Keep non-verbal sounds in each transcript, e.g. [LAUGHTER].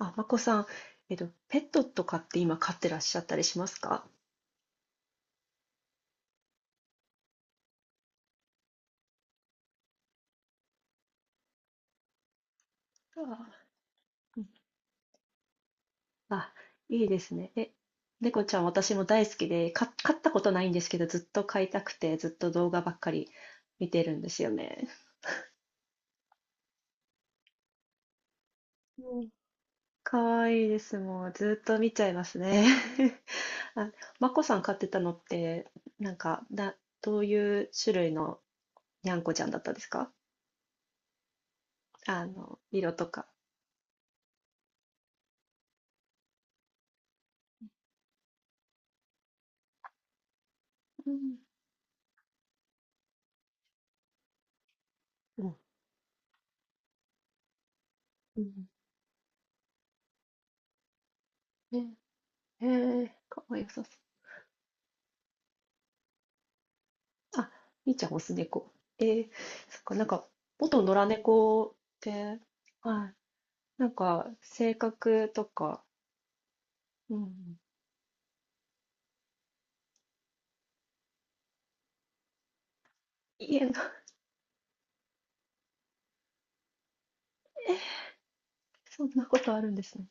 あ、まこさん、ペットとかって今飼ってらっしゃったりしますか？あー。うん。あ、いいですね。え、猫ちゃん私も大好きで、飼ったことないんですけど、ずっと飼いたくて、ずっと動画ばっかり見てるんですよね。うん。かわいいです。もう、ずっと見ちゃいますね。[LAUGHS] あ、まこさん飼ってたのって、なんか、どういう種類のにゃんこちゃんだったんですか？色とか。うん。うん。うん。ね、へえ、かわいい。あ、みーちゃん、オス猫。えー、そっか、なんか、元野良猫って、はい、なんか、性格とか、うん、家の、[LAUGHS] そんなことあるんですね。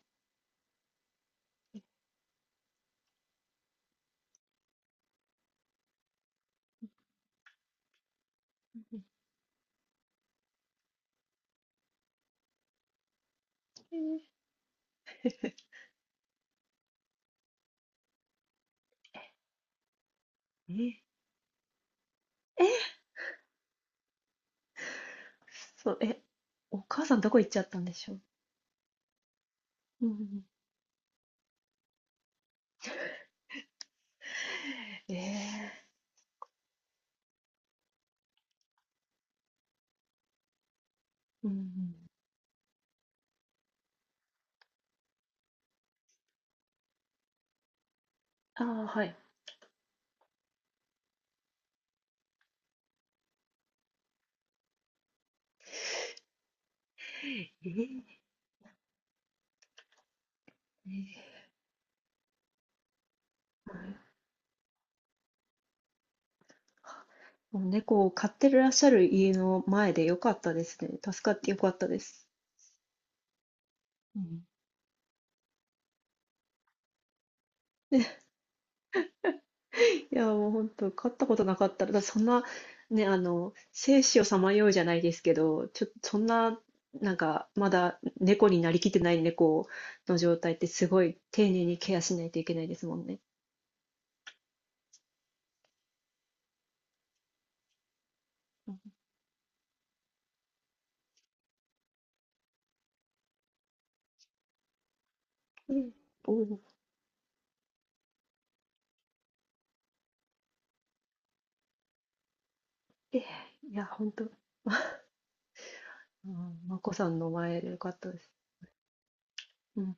えー、えー、えー。そう、え、お母さんどこ行っちゃったんでしょう。うん、えー、うん、ああ、はい。えー、えー。はい。もう猫を飼ってらっしゃる家の前でよかったですね。助かってよかったです。うん。いや、もう本当、勝ったことなかったら、だってそんな、ね、生死をさまようじゃないですけど、そんな、なんか、まだ猫になりきってない猫の状態ってすごい丁寧にケアしないといけないですもんね。うん、ええ、おお、ええ、いや、本当、うん、まこさんの前でよかったです。うん。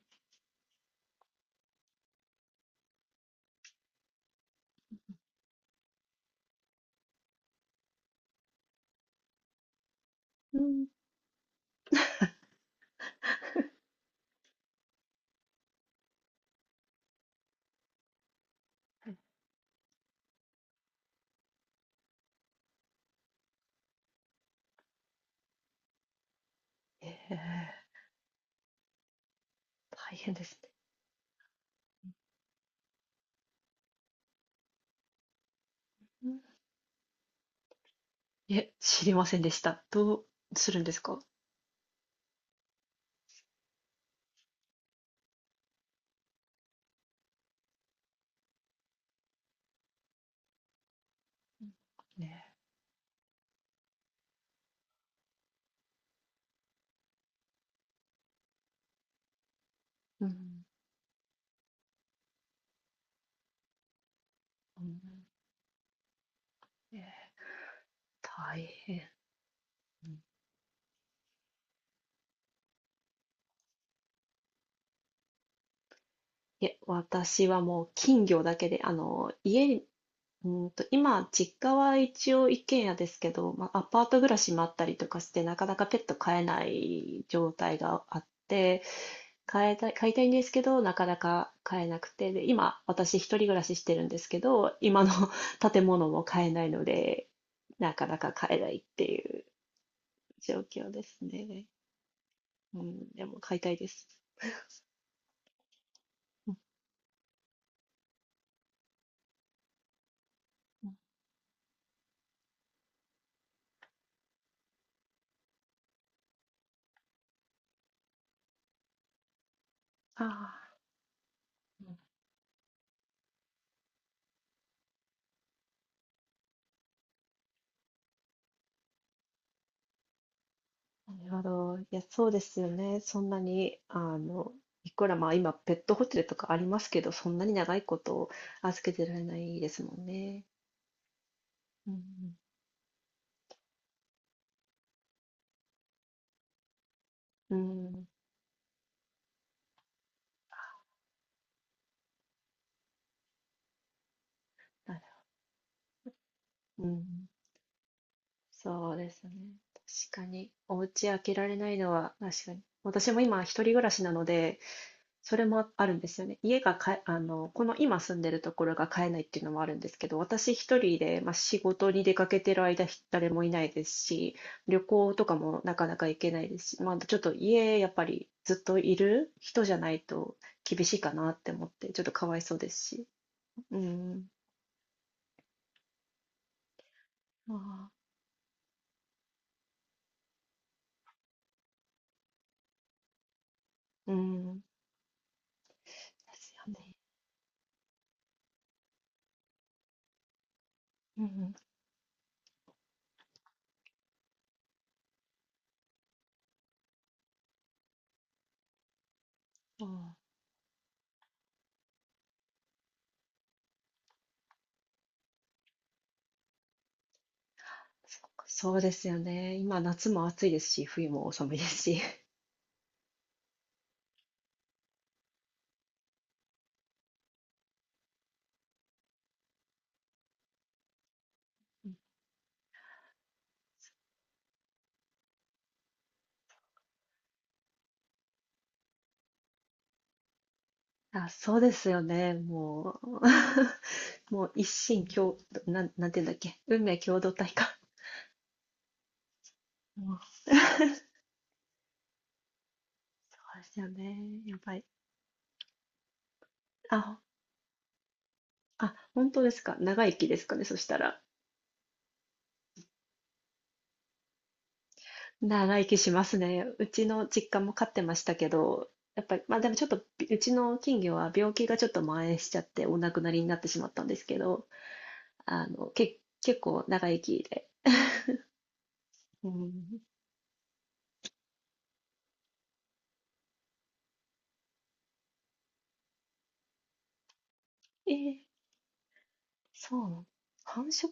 うん。ええ、大変ですね。うん。いえ、知りませんでした。どうするんですかね。うん。うん、ええ、大変。うん。いえ、私はもう金魚だけで、家に、今、実家は一応一軒家ですけど、まあ、アパート暮らしもあったりとかして、なかなかペット飼えない状態があって、飼いたいんですけど、なかなか飼えなくて、で、今、私一人暮らししてるんですけど、今の [LAUGHS] 建物も飼えないので、なかなか飼えないっていう状況ですね。うん、でも飼いたいです。うん、うん。ああ。なるほど。いや、そうですよね。そんなに、いくらまあ今、ペットホテルとかありますけど、そんなに長いこと預けてられないですもんね。うん、うん。うん。なるうん。そうですね。確かに。お家開けられないのは、確かに。私も今、一人暮らしなので、それもあるんですよね。家がかえ、あの、この今住んでるところが買えないっていうのもあるんですけど、私一人で、まあ、仕事に出かけてる間、誰もいないですし、旅行とかもなかなか行けないですし、まあ、ちょっと家、やっぱりずっといる人じゃないと厳しいかなって思って、ちょっとかわいそうですし。うん。ああ、うん。ですよね。うん。ああ、そうか。そうですよね。今、夏も暑いですし、冬も寒いですし。あ、そうですよね。もう、[LAUGHS] もう一心共、なんていうんだっけ。運命共同体か。もう [LAUGHS] そうですよね。やばい。あ、あ、本当ですか。長生きですかね。そしたら。長生きしますね。うちの実家も飼ってましたけど、やっぱり、まあでもちょっと、うちの金魚は病気がちょっと蔓延しちゃって、お亡くなりになってしまったんですけど、結構長生きで。うん、[LAUGHS] えー。そうなの。繁殖。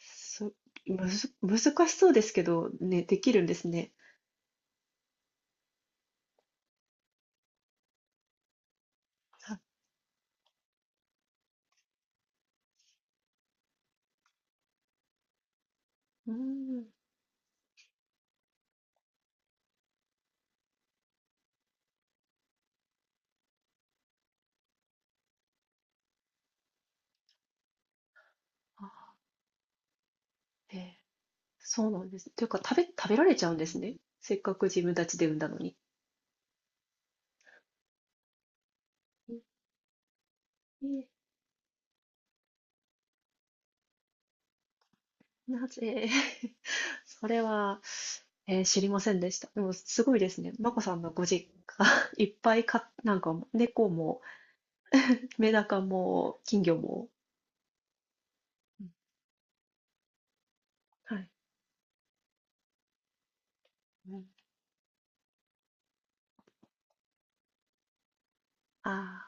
そ、むず難しそうですけど、ね、できるんですね。あ。うん。あ、えー。そうなんです。というか、食べられちゃうんですね。せっかく自分たちで産んだのに。えー。なぜ [LAUGHS]？それは、え、知りませんでした。でもすごいですね。まこさんのご実家、[LAUGHS] いっぱいかなんか猫もメダカも金魚も、うん、はい。うん。あ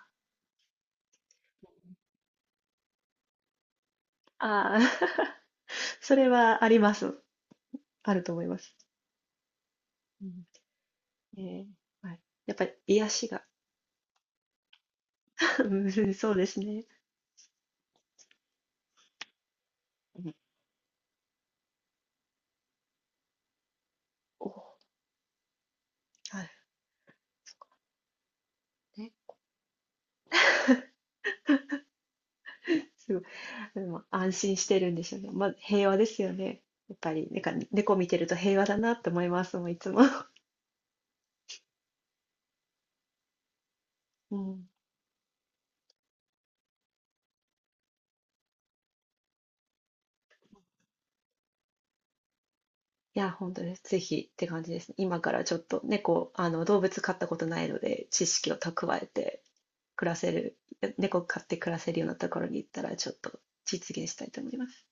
あ、ああ、[LAUGHS] それはあります。あると思います。ええ。はい。やっぱり癒しが、[LAUGHS] うん。そうですね。うん、おー。はい。ね、すごい。でも安心してるんでしょうね。まあ、平和ですよね。やっぱり、なんか猫見てると平和だなって思いますもういつも。[LAUGHS] うん。いや、本当です。ぜひって感じですね。今からちょっと猫、動物飼ったことないので、知識を蓄えて暮らせる、猫飼って暮らせるようなところに行ったら、ちょっと実現したいと思います。